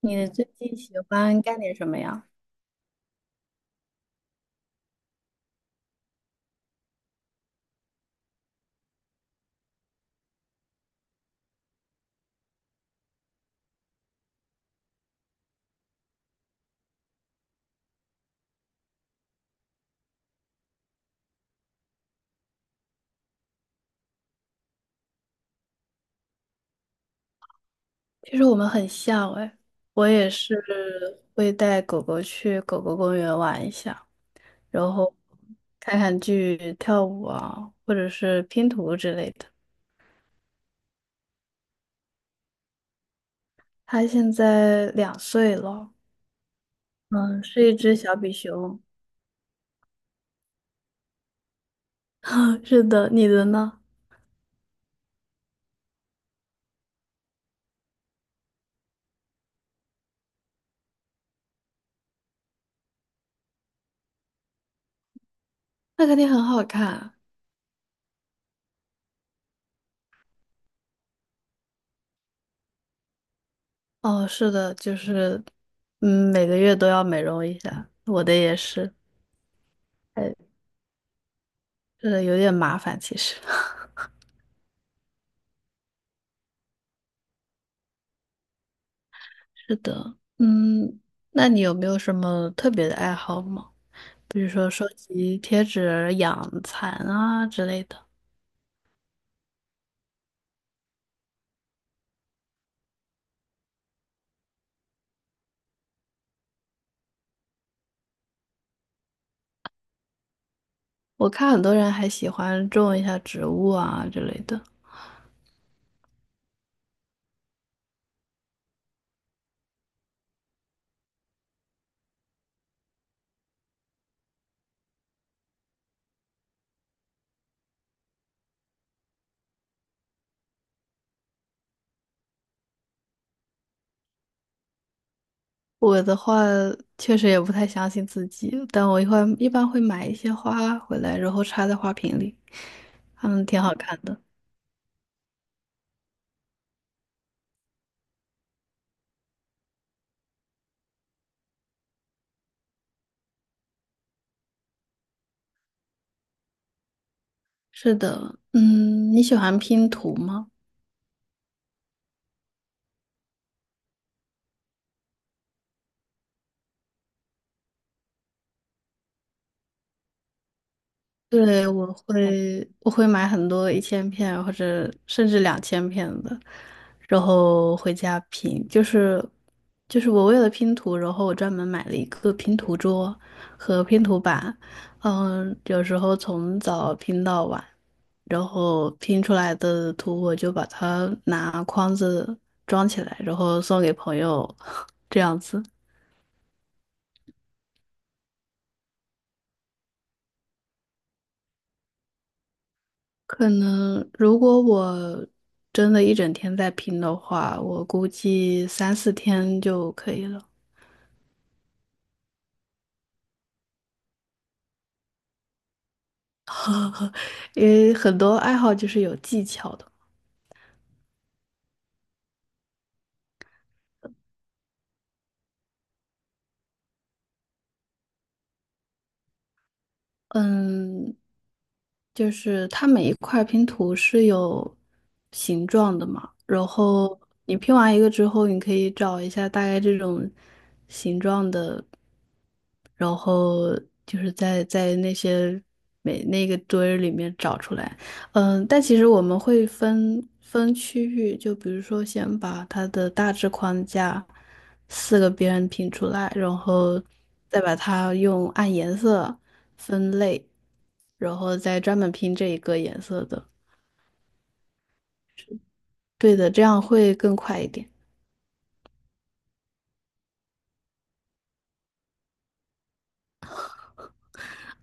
你最近喜欢干点什么呀？其实我们很像哎，我也是会带狗狗去狗狗公园玩一下，然后看看剧、跳舞啊，或者是拼图之类的。它现在2岁了，嗯，是一只小比熊。是的，你的呢？那肯定很好看。哦，是的，就是，嗯，每个月都要美容一下，我的也是，哎，这个有点麻烦其实。是的，嗯，那你有没有什么特别的爱好吗？比如说收集贴纸、养蚕啊之类的。我看很多人还喜欢种一下植物啊之类的。我的话，确实也不太相信自己，但我一会一般会买一些花回来，然后插在花瓶里，它们挺好看的。是的，嗯，你喜欢拼图吗？对，我会买很多1000片或者甚至2000片的，然后回家拼。就是我为了拼图，然后我专门买了一个拼图桌和拼图板，嗯，有时候从早拼到晚，然后拼出来的图我就把它拿筐子装起来，然后送给朋友，这样子。可能如果我真的一整天在拼的话，我估计三四天就可以了，因为很多爱好就是有技巧的。嗯，就是它每一块拼图是有形状的嘛，然后你拼完一个之后，你可以找一下大概这种形状的，然后就是在那些每那个堆儿里面找出来。嗯，但其实我们会分区域，就比如说先把它的大致框架四个边拼出来，然后再把它用按颜色。分类，然后再专门拼这一个颜色的。对的，这样会更快一点。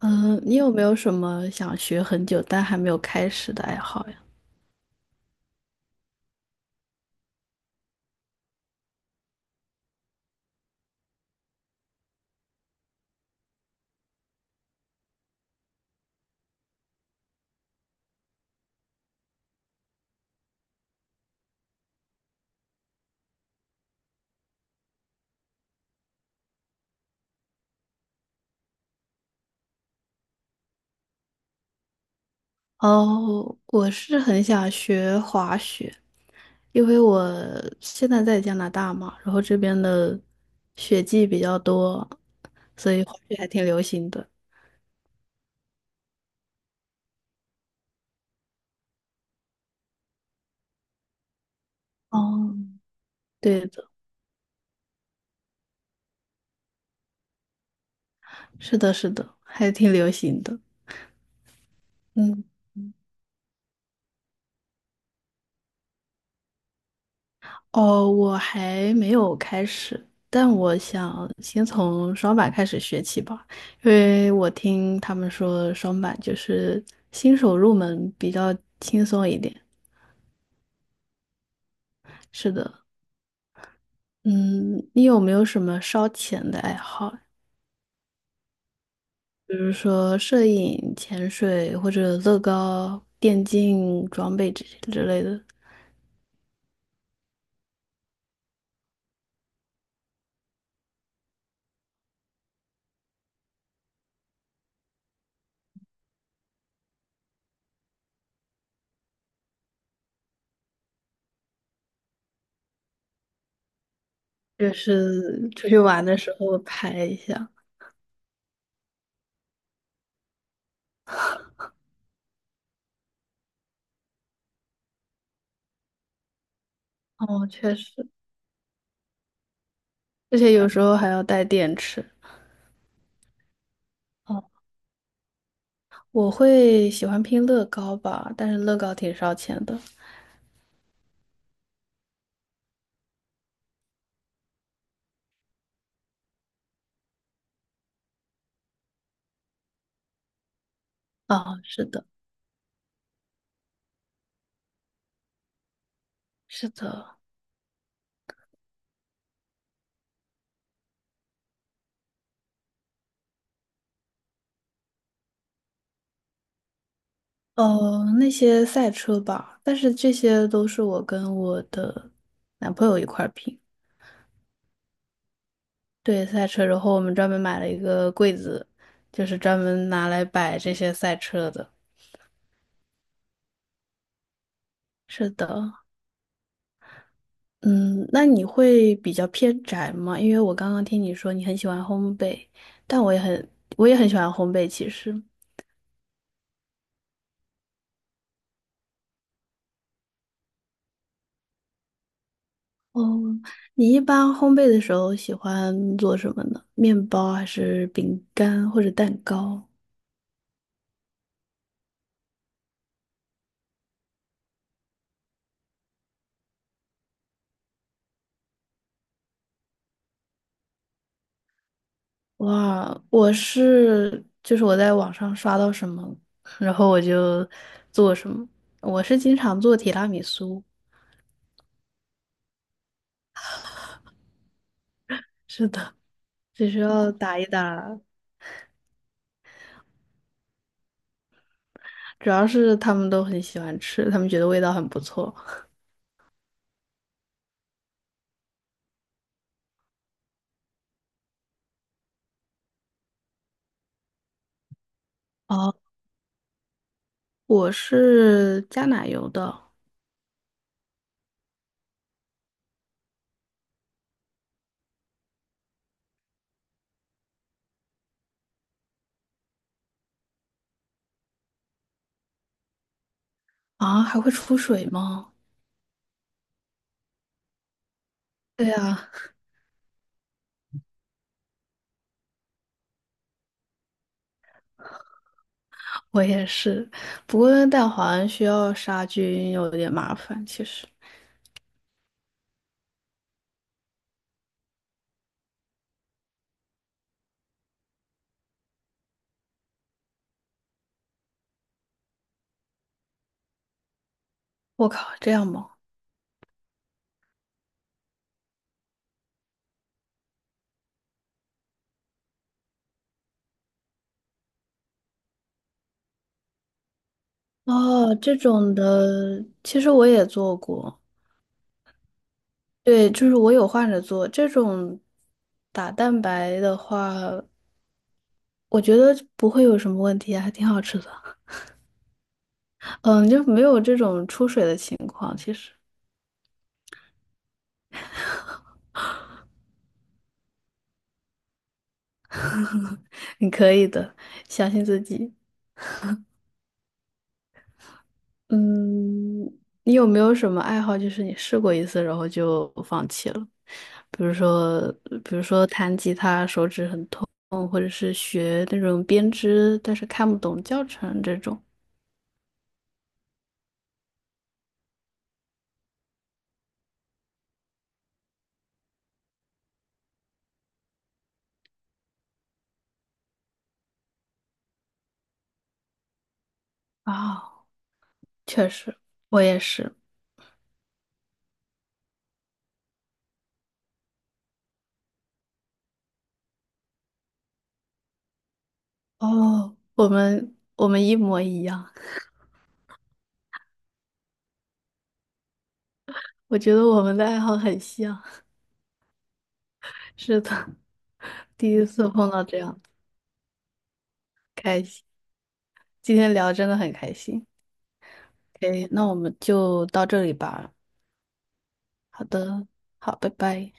嗯，你有没有什么想学很久但还没有开始的爱好呀？哦，我是很想学滑雪，因为我现在在加拿大嘛，然后这边的雪季比较多，所以滑雪还挺流行的。哦，对的，是的，是的，还挺流行的。嗯，哦，我还没有开始，但我想先从双板开始学起吧，因为我听他们说双板就是新手入门比较轻松一点。是的，嗯，你有没有什么烧钱的爱好？比如说摄影、潜水或者乐高、电竞装备这些之类的，就是出去玩的时候拍一下。哦，确实，而且有时候还要带电池。哦。我会喜欢拼乐高吧，但是乐高挺烧钱的。啊，是的，是的，那些赛车吧，但是这些都是我跟我的男朋友一块儿拼。对，赛车，然后我们专门买了一个柜子，就是专门拿来摆这些赛车的。是的，嗯，那你会比较偏宅吗？因为我刚刚听你说你很喜欢烘焙，但我也很喜欢烘焙，其实。哦，你一般烘焙的时候喜欢做什么呢？面包还是饼干或者蛋糕？哇，我是就是我在网上刷到什么，然后我就做什么。我是经常做提拉米苏，是的，只需要打一打，主要是他们都很喜欢吃，他们觉得味道很不错。哦，我是加奶油的啊，还会出水吗？对呀，我也是，不过蛋黄需要杀菌，有点麻烦。其实，我靠，这样吗？哦，这种的，其实我也做过。对，就是我有换着做这种打蛋白的话，我觉得不会有什么问题啊还挺好吃的。嗯，就没有这种出水的情况。其实，你可以的，相信自己。嗯，你有没有什么爱好，就是你试过一次，然后就放弃了？比如说，比如说弹吉他手指很痛，或者是学那种编织，但是看不懂教程这种。啊、确实，我也是。哦，我们一模一样，我觉得我们的爱好很像。是的，第一次碰到这样，开心。今天聊真的很开心。OK，那我们就到这里吧。好的，好，拜拜。